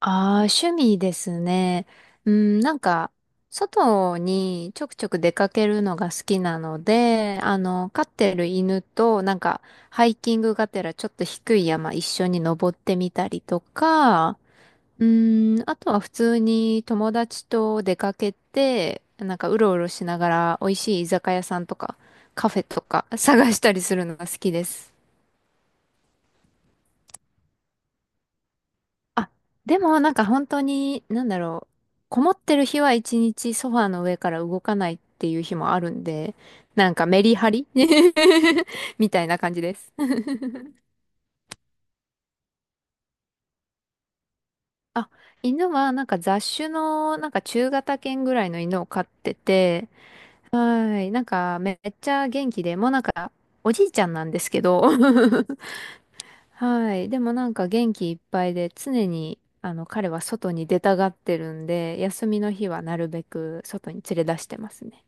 ああ、趣味ですね。うん、外にちょくちょく出かけるのが好きなので、飼ってる犬と、ハイキングがてらちょっと低い山一緒に登ってみたりとか、うん、あとは普通に友達と出かけて、うろうろしながら美味しい居酒屋さんとか、カフェとか探したりするのが好きです。あ、でも本当に、こもってる日は一日ソファーの上から動かないっていう日もあるんで、なんかメリハリ みたいな感じです。あ、犬は雑種の中型犬ぐらいの犬を飼ってて、はい、なんかめっちゃ元気で、もうなんかおじいちゃんなんですけど はい。でもなんか元気いっぱいで、常に、彼は外に出たがってるんで、休みの日はなるべく外に連れ出してますね。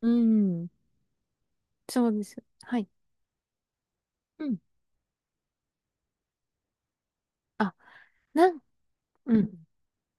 うん。そうです。はい。うん。あ、なん、うん。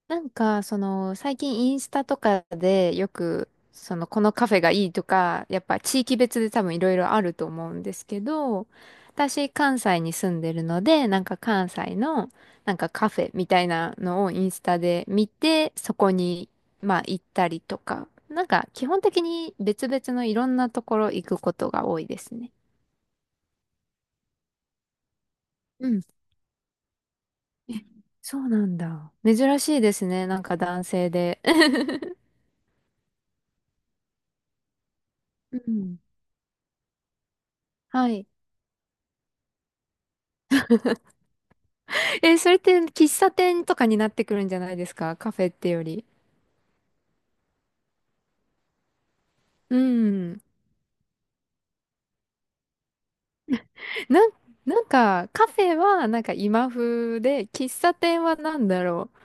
最近インスタとかでよく、このカフェがいいとか、やっぱ地域別で多分いろいろあると思うんですけど、私、関西に住んでるので、なんか関西の、なんかカフェみたいなのをインスタで見て、そこに、まあ行ったりとか、なんか基本的に別々のいろんなところ行くことが多いですね。うん。え、そうなんだ。珍しいですね。なんか男性で。うん。はい。えー、それって喫茶店とかになってくるんじゃないですか？カフェってより。うん。なん、なんか、カフェはなんか今風で、喫茶店はなんだろう。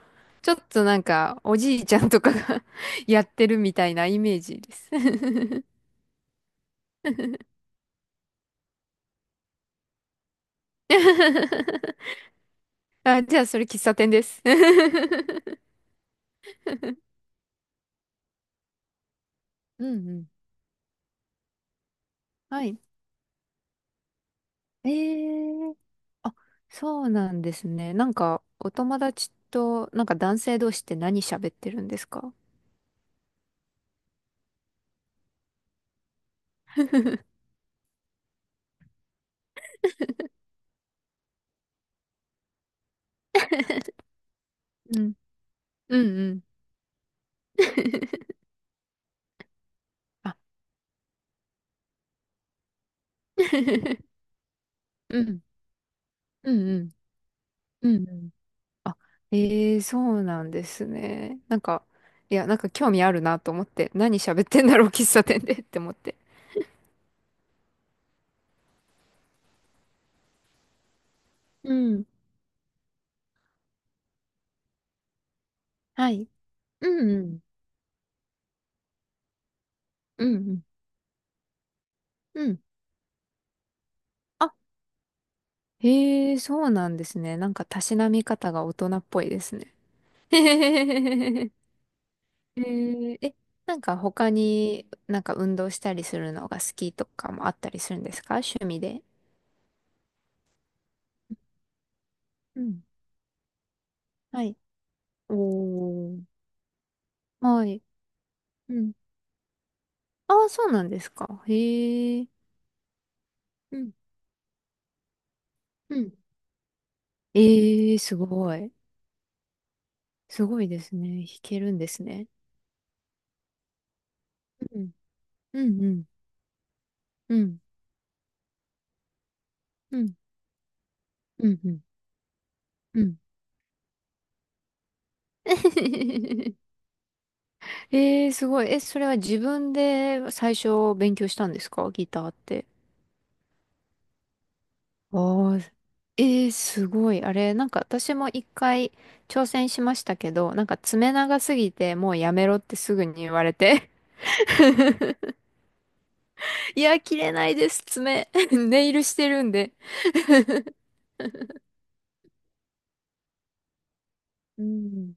ちょっとなんか、おじいちゃんとかが やってるみたいなイメージです。あ、じゃあそれ喫茶店です。うんうん。はい。えー、あ、そうなんですね。なんか、お友達と、なんか男性同士って何喋ってるんですか？うん。うんうん。あ うん、うん、うん、うんうん。あ、ええ、そうなんですね。なんか、いや、なんか興味あるなと思って、何喋ってんだろう、喫茶店で って思って。うん、はい。うんうん、うんうん、うん。あ、へえ、そうなんですね。なんか、たしなみ方が大人っぽいですね。へえ。え、なんか他になんか運動したりするのが好きとかもあったりするんですか？趣味で。うん。はい。おー。はい。うん。ああ、そうなんですか。へえ。うん、うん、ええ、すごい。すごいですね。弾けるんですね。うん、うん、うん、うん、うん、うん、うん。うん。 ええ、すごい。え、それは自分で最初勉強したんですか？ギターって。ああ、ええ、すごい。あれ、なんか私も一回挑戦しましたけど、なんか爪長すぎてもうやめろってすぐに言われて。いや、切れないです、爪。ネイルしてるんで。うん、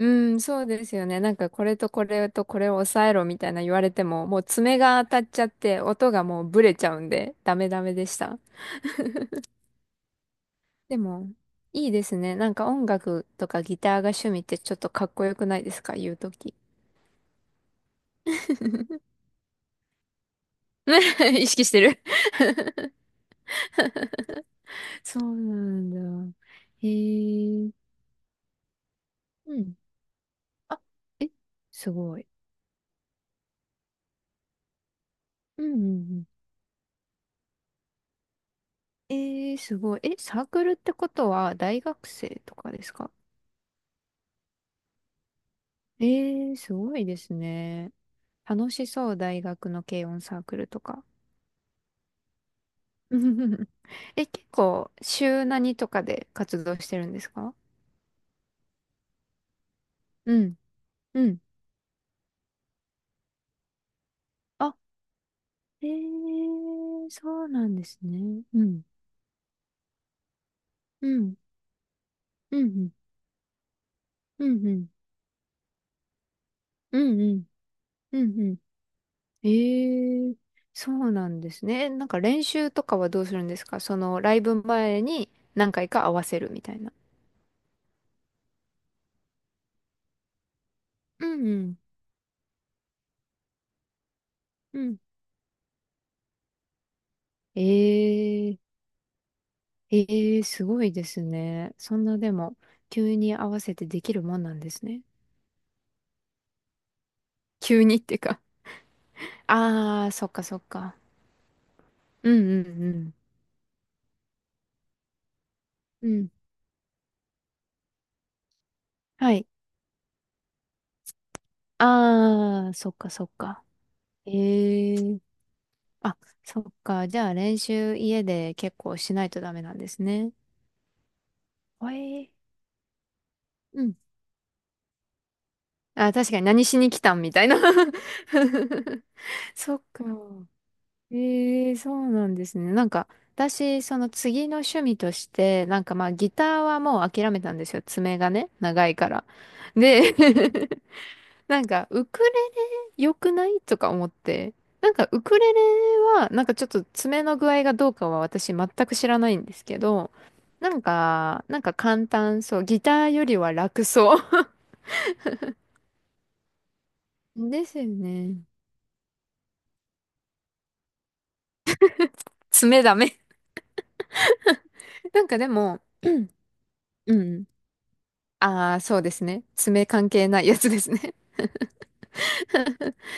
うそうですよね。なんかこれとこれとこれを抑えろみたいな言われても、もう爪が当たっちゃって音がもうブレちゃうんで、ダメダメでした。でも、いいですね。なんか音楽とかギターが趣味ってちょっとかっこよくないですか？言うとき。意識してる。 そうなんだ。へえ。うん。あ、え、すごい。うんうんうん。えー、すごい。え、サークルってことは大学生とかですか？ええ、すごいですね。楽しそう、大学の軽音サークルとか。え、結構、週何とかで活動してるんですか？うん、うん。あ、ええ、そうなんですね。うん、うん、うん、うん、うん、うん、うん、うん、うん。ええ、そうなんですね。え、なんか練習とかはどうするんですか？その、ライブ前に何回か合わせるみたいな。うん、うん、うん。ええ。ええ、すごいですね。そんなでも、急に合わせてできるもんなんですね。急にってか。ああ、そっかそっか。うんうんうん。うん。はい。ああ、そっかそっか。ええ。あ、そっか。じゃあ練習家で結構しないとダメなんですね。ええ。うん。あ、確かに何しに来たんみたいな そっか。ええ、そうなんですね。なんか、私、その次の趣味として、なんかまあ、ギターはもう諦めたんですよ。爪がね、長いから。で、なんか、ウクレレ良くないとか思って。なんか、ウクレレは、なんかちょっと爪の具合がどうかは私全く知らないんですけど、なんか、なんか簡単そう。ギターよりは楽そう。ですよね。爪ダメ。なんかでも、うん。ああ、そうですね。爪関係ないやつですね。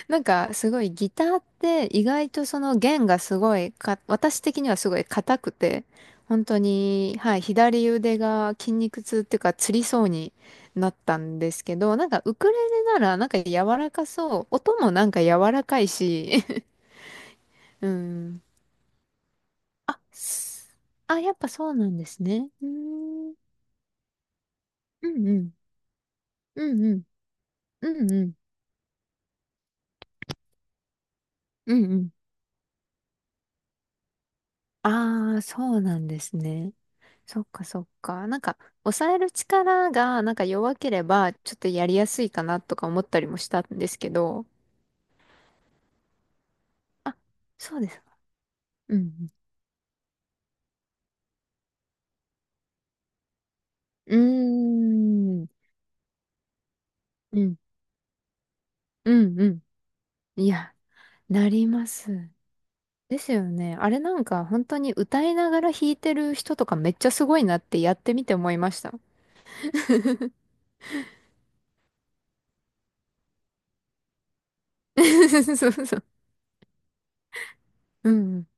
なんかすごいギターって意外とその弦がすごいか、私的にはすごい硬くて、本当に、はい、左腕が筋肉痛っていうか、つりそうになったんですけど、なんかウクレレならなんか柔らかそう。音もなんか柔らかいし。うん。あ、すあ、やっぱそうなんですね。うーん。うんうん。うんうん。うんうん。うんうん。ああ、そうなんですね。そっかそっか。なんか、抑える力がなんか弱ければ、ちょっとやりやすいかなとか思ったりもしたんですけど。あ、そうですか。うん。うん。うーん。うん。うんうん。いや、なります。ですよね。あれなんか本当に歌いながら弾いてる人とかめっちゃすごいなってやってみて思いました。そうそう。うんうん。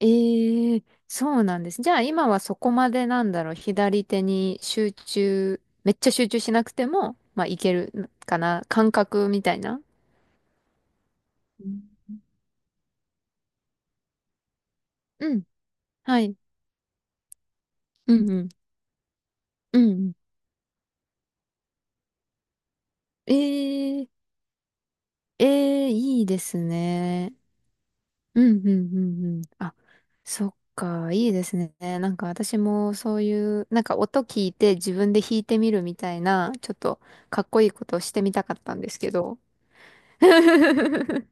ええ、そうなんです。じゃあ今はそこまでなんだろう、左手に集中、めっちゃ集中しなくても、まあいけるかな、感覚みたいな。うんうん、はい。うんうん、うんうん。ええ、ええ、いいですね。うんうんうん。あ、そっか、いいですね。なんか私もそういう、なんか音聞いて自分で弾いてみるみたいな、ちょっとかっこいいことをしてみたかったんですけど。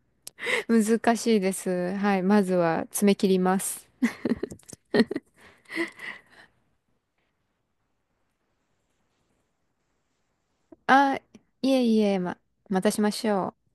難しいです。はい。まずは爪切ります。あ、いえいえ、ま、またしましょう。